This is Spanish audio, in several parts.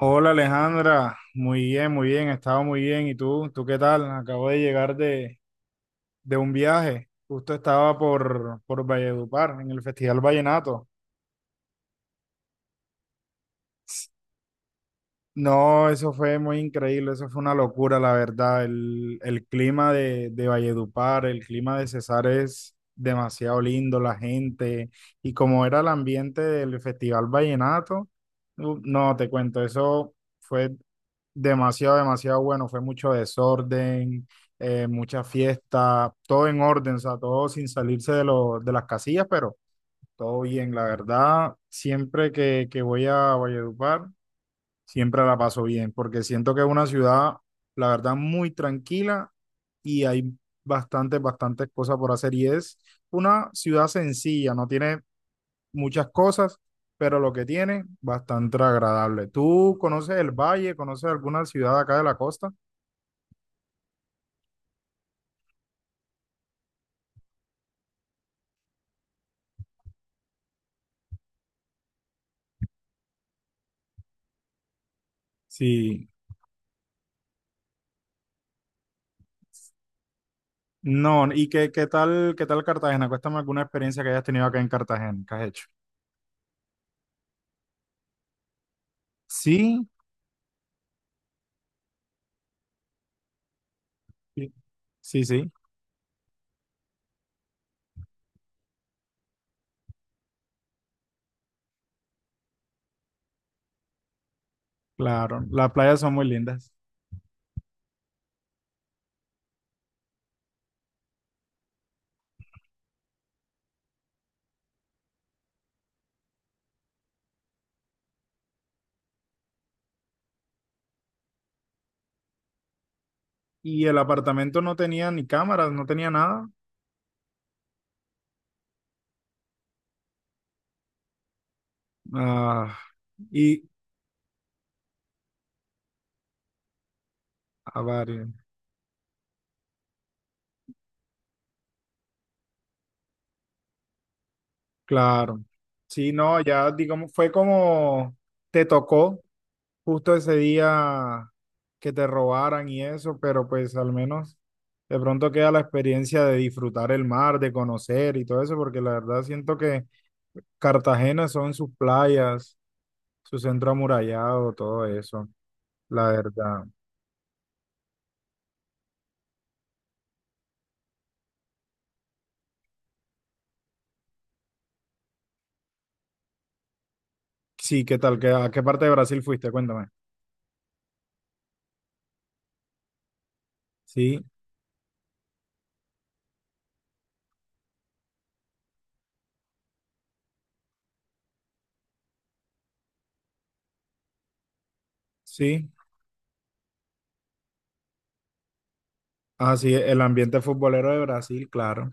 Hola Alejandra, muy bien, he estado muy bien. ¿Y tú? ¿Tú qué tal? Acabo de llegar de un viaje. Justo estaba por Valledupar, en el Festival Vallenato. No, eso fue muy increíble, eso fue una locura, la verdad. El clima de Valledupar, el clima de Cesar es demasiado lindo, la gente, y como era el ambiente del Festival Vallenato, no, te cuento, eso fue demasiado, demasiado bueno, fue mucho desorden, mucha fiesta, todo en orden, o sea, todo sin salirse de las casillas, pero todo bien, la verdad, siempre que voy a Valledupar. Siempre la paso bien, porque siento que es una ciudad, la verdad, muy tranquila y hay bastantes, bastantes cosas por hacer. Y es una ciudad sencilla, no tiene muchas cosas, pero lo que tiene, bastante agradable. ¿Tú conoces el valle? ¿Conoces alguna ciudad acá de la costa? Sí. No, ¿y qué tal Cartagena? Cuéntame alguna experiencia que hayas tenido acá en Cartagena, ¿que has hecho? Sí, sí, sí, sí, claro. Las playas son muy lindas. Y el apartamento no tenía ni cámaras, no tenía nada. Ah, y, a varios, claro. Sí, no, ya, digamos, fue como te tocó justo ese día que te robaran y eso, pero pues al menos de pronto queda la experiencia de disfrutar el mar, de conocer y todo eso, porque la verdad siento que Cartagena son sus playas, su centro amurallado, todo eso, la verdad. Sí, ¿qué tal? ¿A qué parte de Brasil fuiste? Cuéntame. Sí, sí, así es, el ambiente futbolero de Brasil, claro.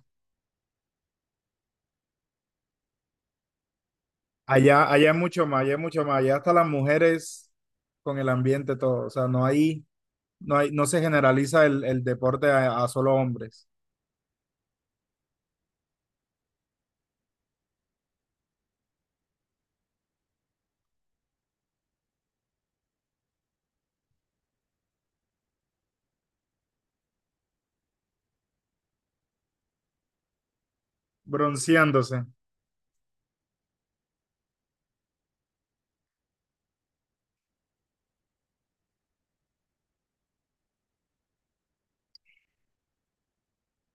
Allá, allá es mucho más, allá es mucho más, allá hasta las mujeres con el ambiente todo, o sea, no hay, no se generaliza el deporte a solo hombres, bronceándose.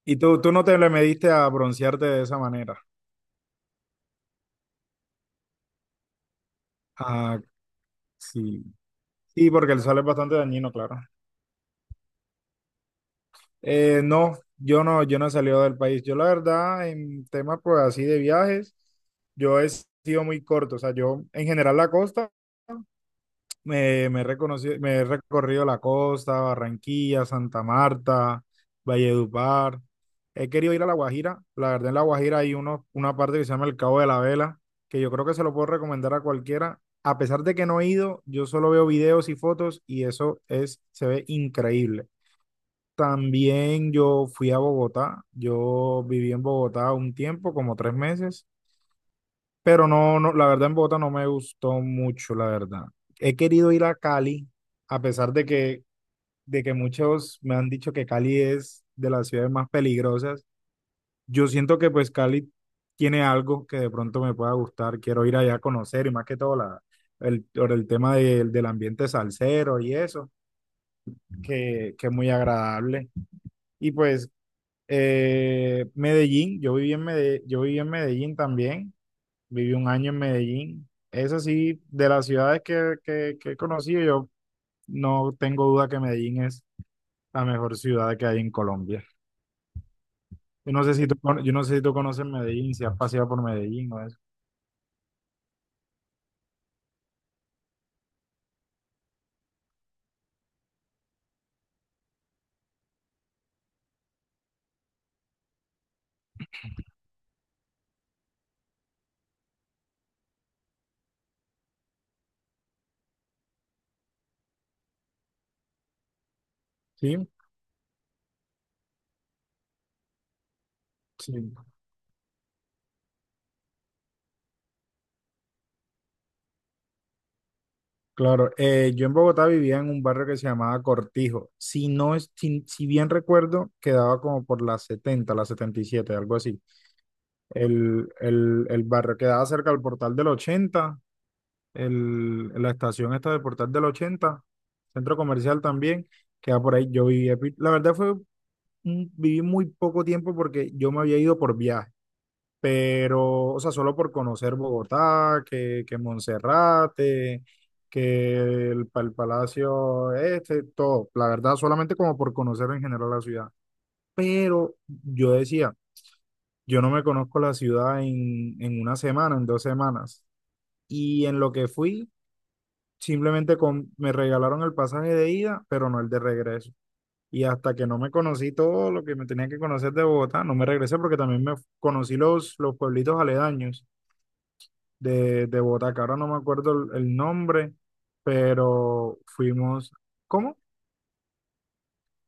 Y tú no te le mediste a broncearte de esa manera. Ah, sí, sí, porque el sol es bastante dañino, claro. No, yo no, he salido del país. Yo la verdad, en temas pues así de viajes, yo he sido muy corto, o sea, yo en general la costa. Me he recorrido la costa, Barranquilla, Santa Marta, Valledupar. He querido ir a La Guajira. La verdad, en La Guajira hay uno, una parte que se llama el Cabo de la Vela, que yo creo que se lo puedo recomendar a cualquiera. A pesar de que no he ido, yo solo veo videos y fotos y eso es, se ve increíble. También yo fui a Bogotá. Yo viví en Bogotá un tiempo, como 3 meses. Pero no, no, la verdad en Bogotá no me gustó mucho, la verdad. He querido ir a Cali, a pesar de que muchos me han dicho que Cali es de las ciudades más peligrosas. Yo siento que pues Cali tiene algo que de pronto me pueda gustar. Quiero ir allá a conocer y más que todo por el tema del ambiente salsero y eso, que es muy agradable. Y pues Medellín, yo viví en Medellín, yo viví en Medellín también. Viví un año en Medellín. Eso sí, de las ciudades que he conocido, yo no tengo duda que Medellín es la mejor ciudad que hay en Colombia. Yo no sé si tú conoces Medellín, si has paseado por Medellín o eso. Sí, sí, claro. Yo en Bogotá vivía en un barrio que se llamaba Cortijo. Si no es, si, si bien recuerdo, quedaba como por las 77, algo así. El barrio quedaba cerca del Portal del 80, la estación esta del Portal del 80, centro comercial también, queda por ahí. Yo viví, la verdad fue, viví muy poco tiempo porque yo me había ido por viaje, pero, o sea, solo por conocer Bogotá, que Monserrate, el Palacio este, todo. La verdad, solamente como por conocer en general la ciudad. Pero yo decía, yo no me conozco la ciudad en una semana, en 2 semanas. Y en lo que fui, simplemente con, me regalaron el pasaje de ida, pero no el de regreso. Y hasta que no me conocí todo lo que me tenía que conocer de Bogotá, no me regresé porque también conocí los pueblitos aledaños de Bogotá, que ahora no me acuerdo el nombre, pero fuimos, ¿cómo?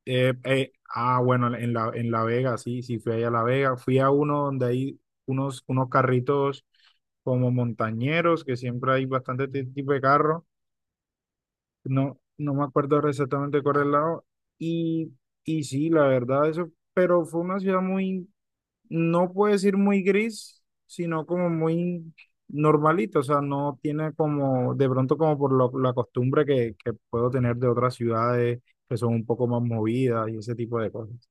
Ah, bueno, en La Vega, sí, sí, fui ahí a La Vega. Fui a uno donde hay unos carritos como montañeros, que siempre hay bastante tipo de carro. No, no me acuerdo ahora exactamente cuál era el lado. Y, y sí, la verdad, eso, pero fue una ciudad muy, no puedo decir muy gris, sino como muy normalita. O sea, no tiene como, de pronto como por lo- la costumbre que puedo tener de otras ciudades que son un poco más movidas y ese tipo de cosas.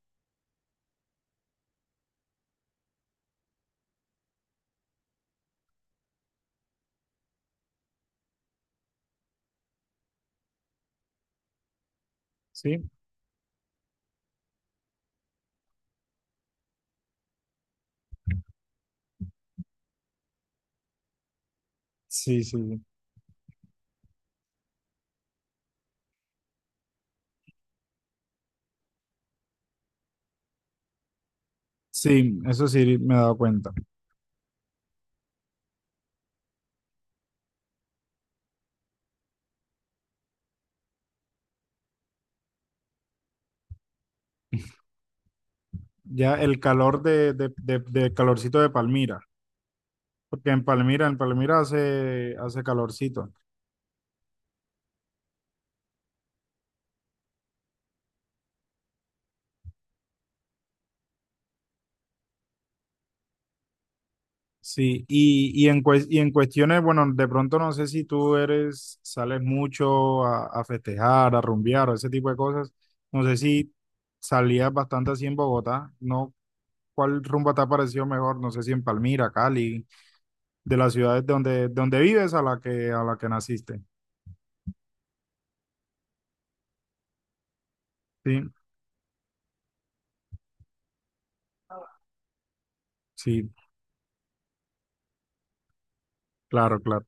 ¿Sí? Sí, sí. Sí, eso sí me he dado cuenta. Ya el calor de calorcito de Palmira, porque en Palmira hace calorcito. Sí, y en cuestiones, bueno, de pronto no sé si tú eres, sales mucho a festejar, a rumbear o ese tipo de cosas. No sé si salías bastante así en Bogotá, ¿no? ¿Cuál rumba te ha parecido mejor? No sé si en Palmira, Cali, de las ciudades donde vives a la que naciste. Sí, sí, claro, claro.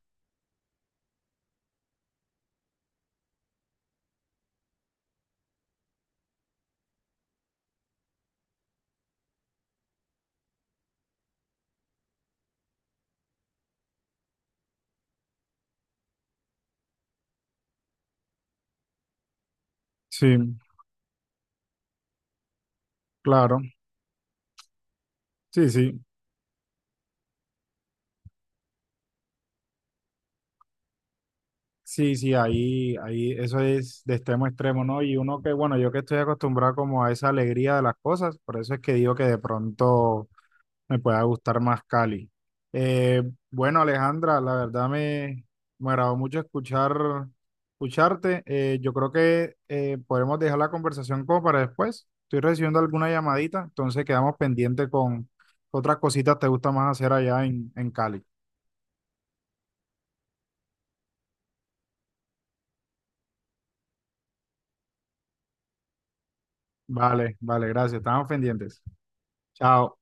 Sí, claro. Sí, sí. Sí, sí, ahí, ahí, eso es de extremo a extremo, ¿no? Y uno que, bueno, yo que estoy acostumbrado como a esa alegría de las cosas, por eso es que digo que de pronto me pueda gustar más Cali. Eh, bueno, Alejandra, la verdad me agradó mucho escucharte. Yo creo que podemos dejar la conversación como para después. Estoy recibiendo alguna llamadita, entonces quedamos pendientes con otras cositas te gusta más hacer allá en Cali. Vale, vale, gracias. Estamos pendientes. Chao.